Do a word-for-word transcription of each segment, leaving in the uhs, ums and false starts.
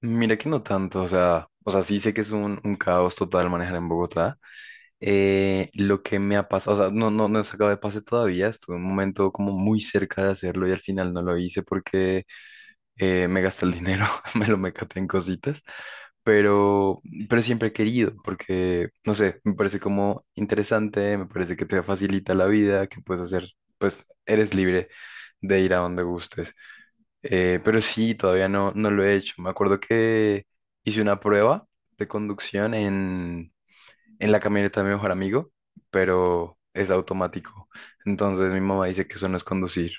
Mira que no tanto, o sea, o sea, sí sé que es un, un caos total manejar en Bogotá. Eh, lo que me ha pasado, o sea, no, no, no he sacado de pase todavía, estuve un momento como muy cerca de hacerlo y al final no lo hice porque eh, me gasté el dinero, me lo me en cositas, pero, pero siempre he querido, porque, no sé, me parece como interesante, me parece que te facilita la vida, que puedes hacer, pues eres libre de ir a donde gustes. Eh, pero sí, todavía no, no lo he hecho. Me acuerdo que hice una prueba de conducción en, en la camioneta de mi mejor amigo, pero es automático. Entonces mi mamá dice que eso no es conducir.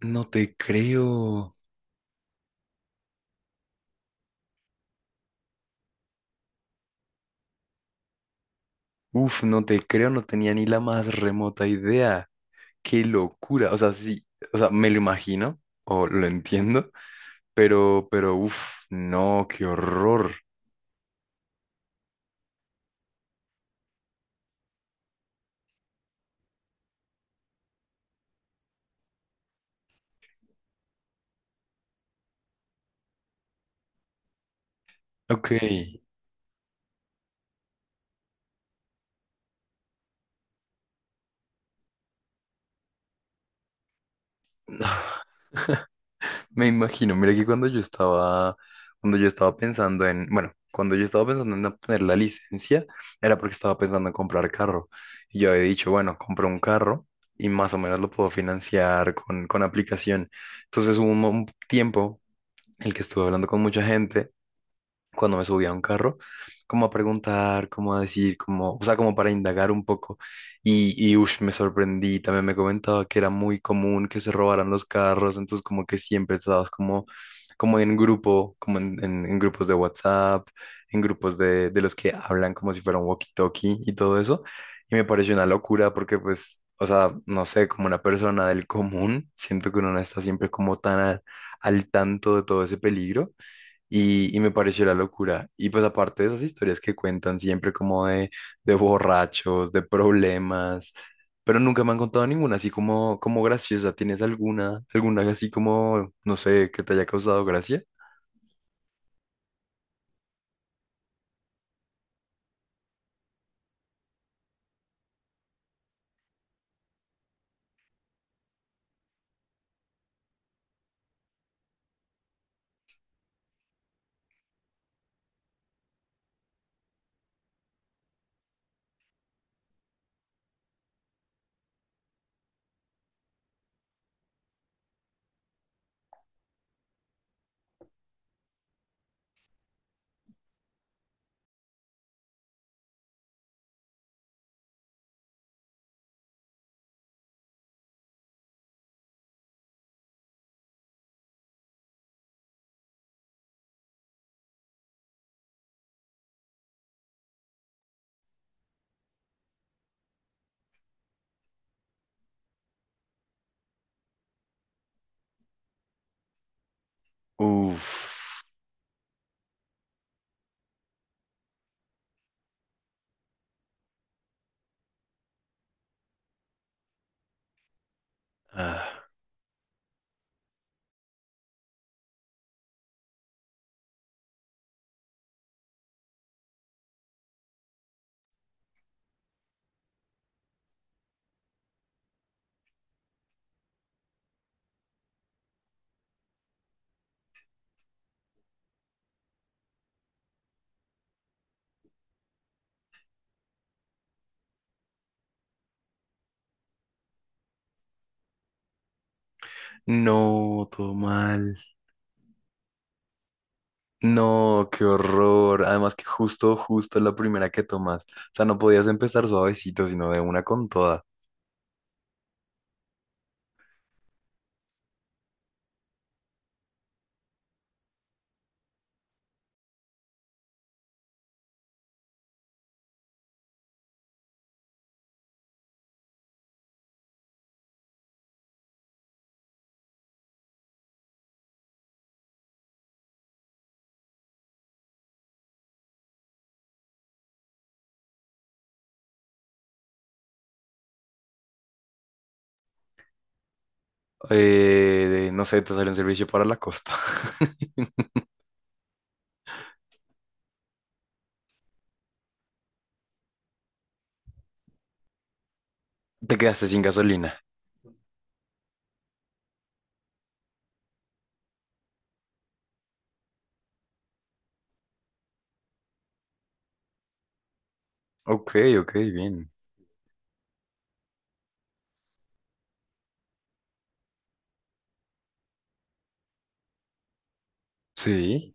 No te creo. Uf, no te creo, no tenía ni la más remota idea. Qué locura. O sea, sí, o sea, me lo imagino o lo entiendo, pero, pero, uf, no, qué horror. Ok. Me imagino, mira que cuando yo estaba, cuando yo estaba pensando en, bueno, cuando yo estaba pensando en obtener la licencia, era porque estaba pensando en comprar carro. Y yo había dicho, bueno, compro un carro y más o menos lo puedo financiar con, con aplicación. Entonces hubo un, mo- un tiempo en el que estuve hablando con mucha gente cuando me subí a un carro, como a preguntar, como a decir, como, o sea, como para indagar un poco. Y, y ush, me sorprendí, también me comentaba que era muy común que se robaran los carros, entonces como que siempre estabas como, como en grupo, como en, en- en grupos de WhatsApp, en grupos de, de los que hablan como si fuera un walkie-talkie y todo eso. Y me pareció una locura porque pues... O sea, no sé, como una persona del común, siento que uno no está siempre como tan a- al tanto de todo ese peligro y, y me pareció la locura. Y pues aparte de esas historias que cuentan siempre como de, de borrachos, de problemas, pero nunca me han contado ninguna así como, como graciosa. ¿Tienes alguna, alguna así como, no sé, que te haya causado gracia? Uf. Ah. No, todo mal. No, qué horror. Además que justo, justo la primera que tomas. O sea, no podías empezar suavecito, sino de una con toda. Eh, no sé, te salió un servicio para la costa. Te quedaste sin gasolina. Ok, ok, bien. Sí.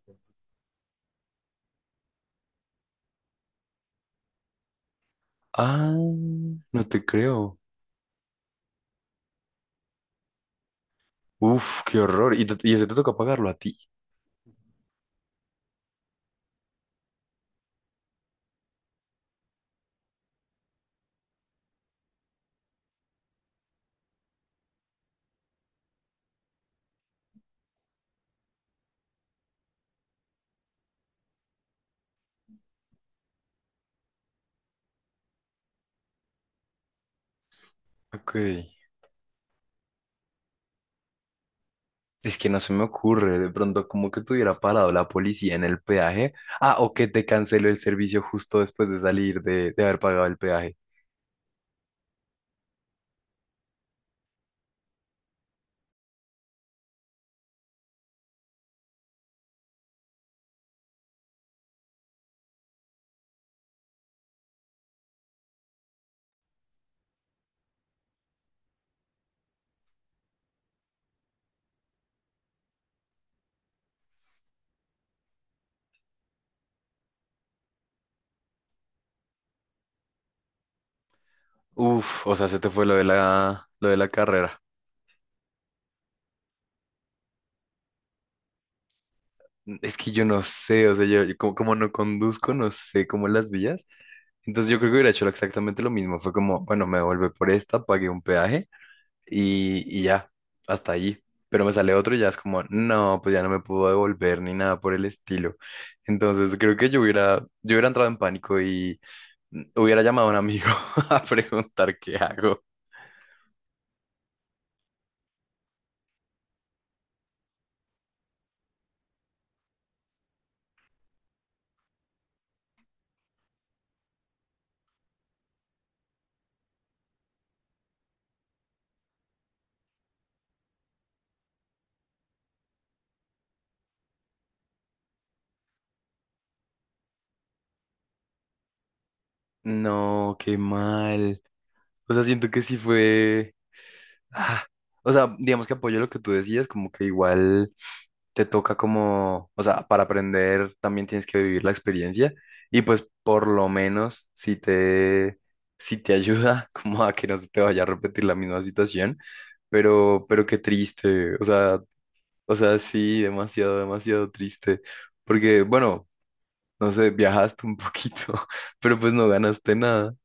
Ah, no te creo. Uf, qué horror. Y, te- y ese te toca pagarlo a ti. Ok. Es que no se me ocurre de pronto como que te hubiera parado la policía en el peaje. Ah, o que te canceló el servicio justo después de salir de, de haber pagado el peaje. Uf, o sea, se te fue lo de la, lo de la carrera. Es que yo no sé, o sea, yo, yo como, como no conduzco, no sé cómo las vías. Entonces yo creo que hubiera hecho exactamente lo mismo. Fue como, bueno, me devolvé por esta, pagué un peaje y, y ya, hasta allí. Pero me sale otro y ya es como, no, pues ya no me puedo devolver ni nada por el estilo. Entonces creo que yo hubiera, yo hubiera entrado en pánico y mm, hubiera llamado a un amigo a preguntar qué hago. No, qué mal. O sea, siento que sí fue... ah, o sea, digamos que apoyo lo que tú decías, como que igual... te toca como, o sea, para aprender también tienes que vivir la experiencia y pues por lo menos si te, si te ayuda como a que no se te vaya a repetir la misma situación, pero, pero qué triste, o sea, o sea, sí, demasiado, demasiado triste, porque bueno, no sé, viajaste un poquito, pero pues no ganaste nada.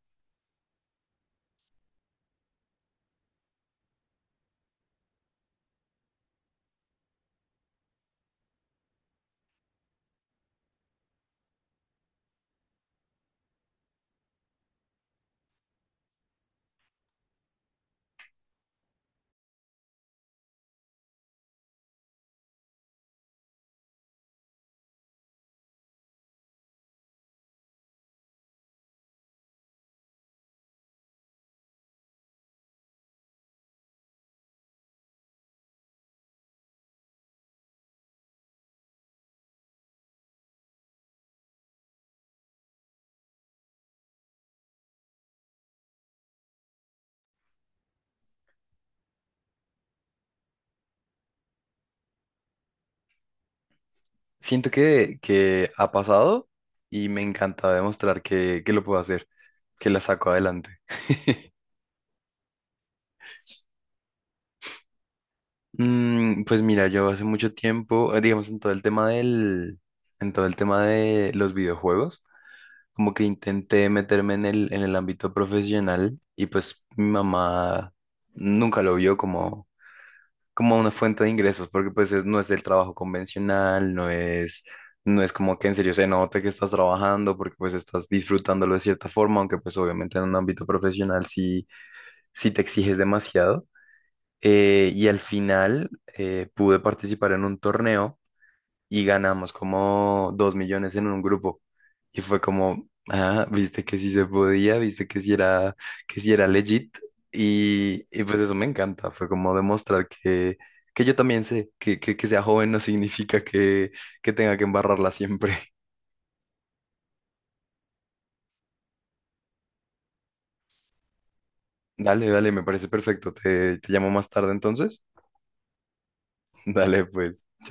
Siento que, que ha pasado y me encanta demostrar que, que lo puedo hacer, que la saco adelante. Mm, pues mira, yo hace mucho tiempo, eh, digamos, en todo el tema del, en todo el tema de los videojuegos, como que intenté meterme en el, en el ámbito profesional y pues mi mamá nunca lo vio como, como una fuente de ingresos, porque pues es- no es el trabajo convencional, no es, no es como que en serio se note que estás trabajando, porque pues estás disfrutándolo de cierta forma, aunque pues obviamente en un ámbito profesional sí, sí te exiges demasiado. Eh, y al final eh, pude participar en un torneo y ganamos como dos millones en un grupo. Y fue como, ah, viste que sí se podía, viste que sí era, que sí era legit. Y, y pues eso me encanta, fue como demostrar que, que yo también sé que, que, que sea joven no significa que, que tenga que embarrarla siempre. Dale, dale, me parece perfecto. Te, te llamo más tarde entonces. Dale, pues.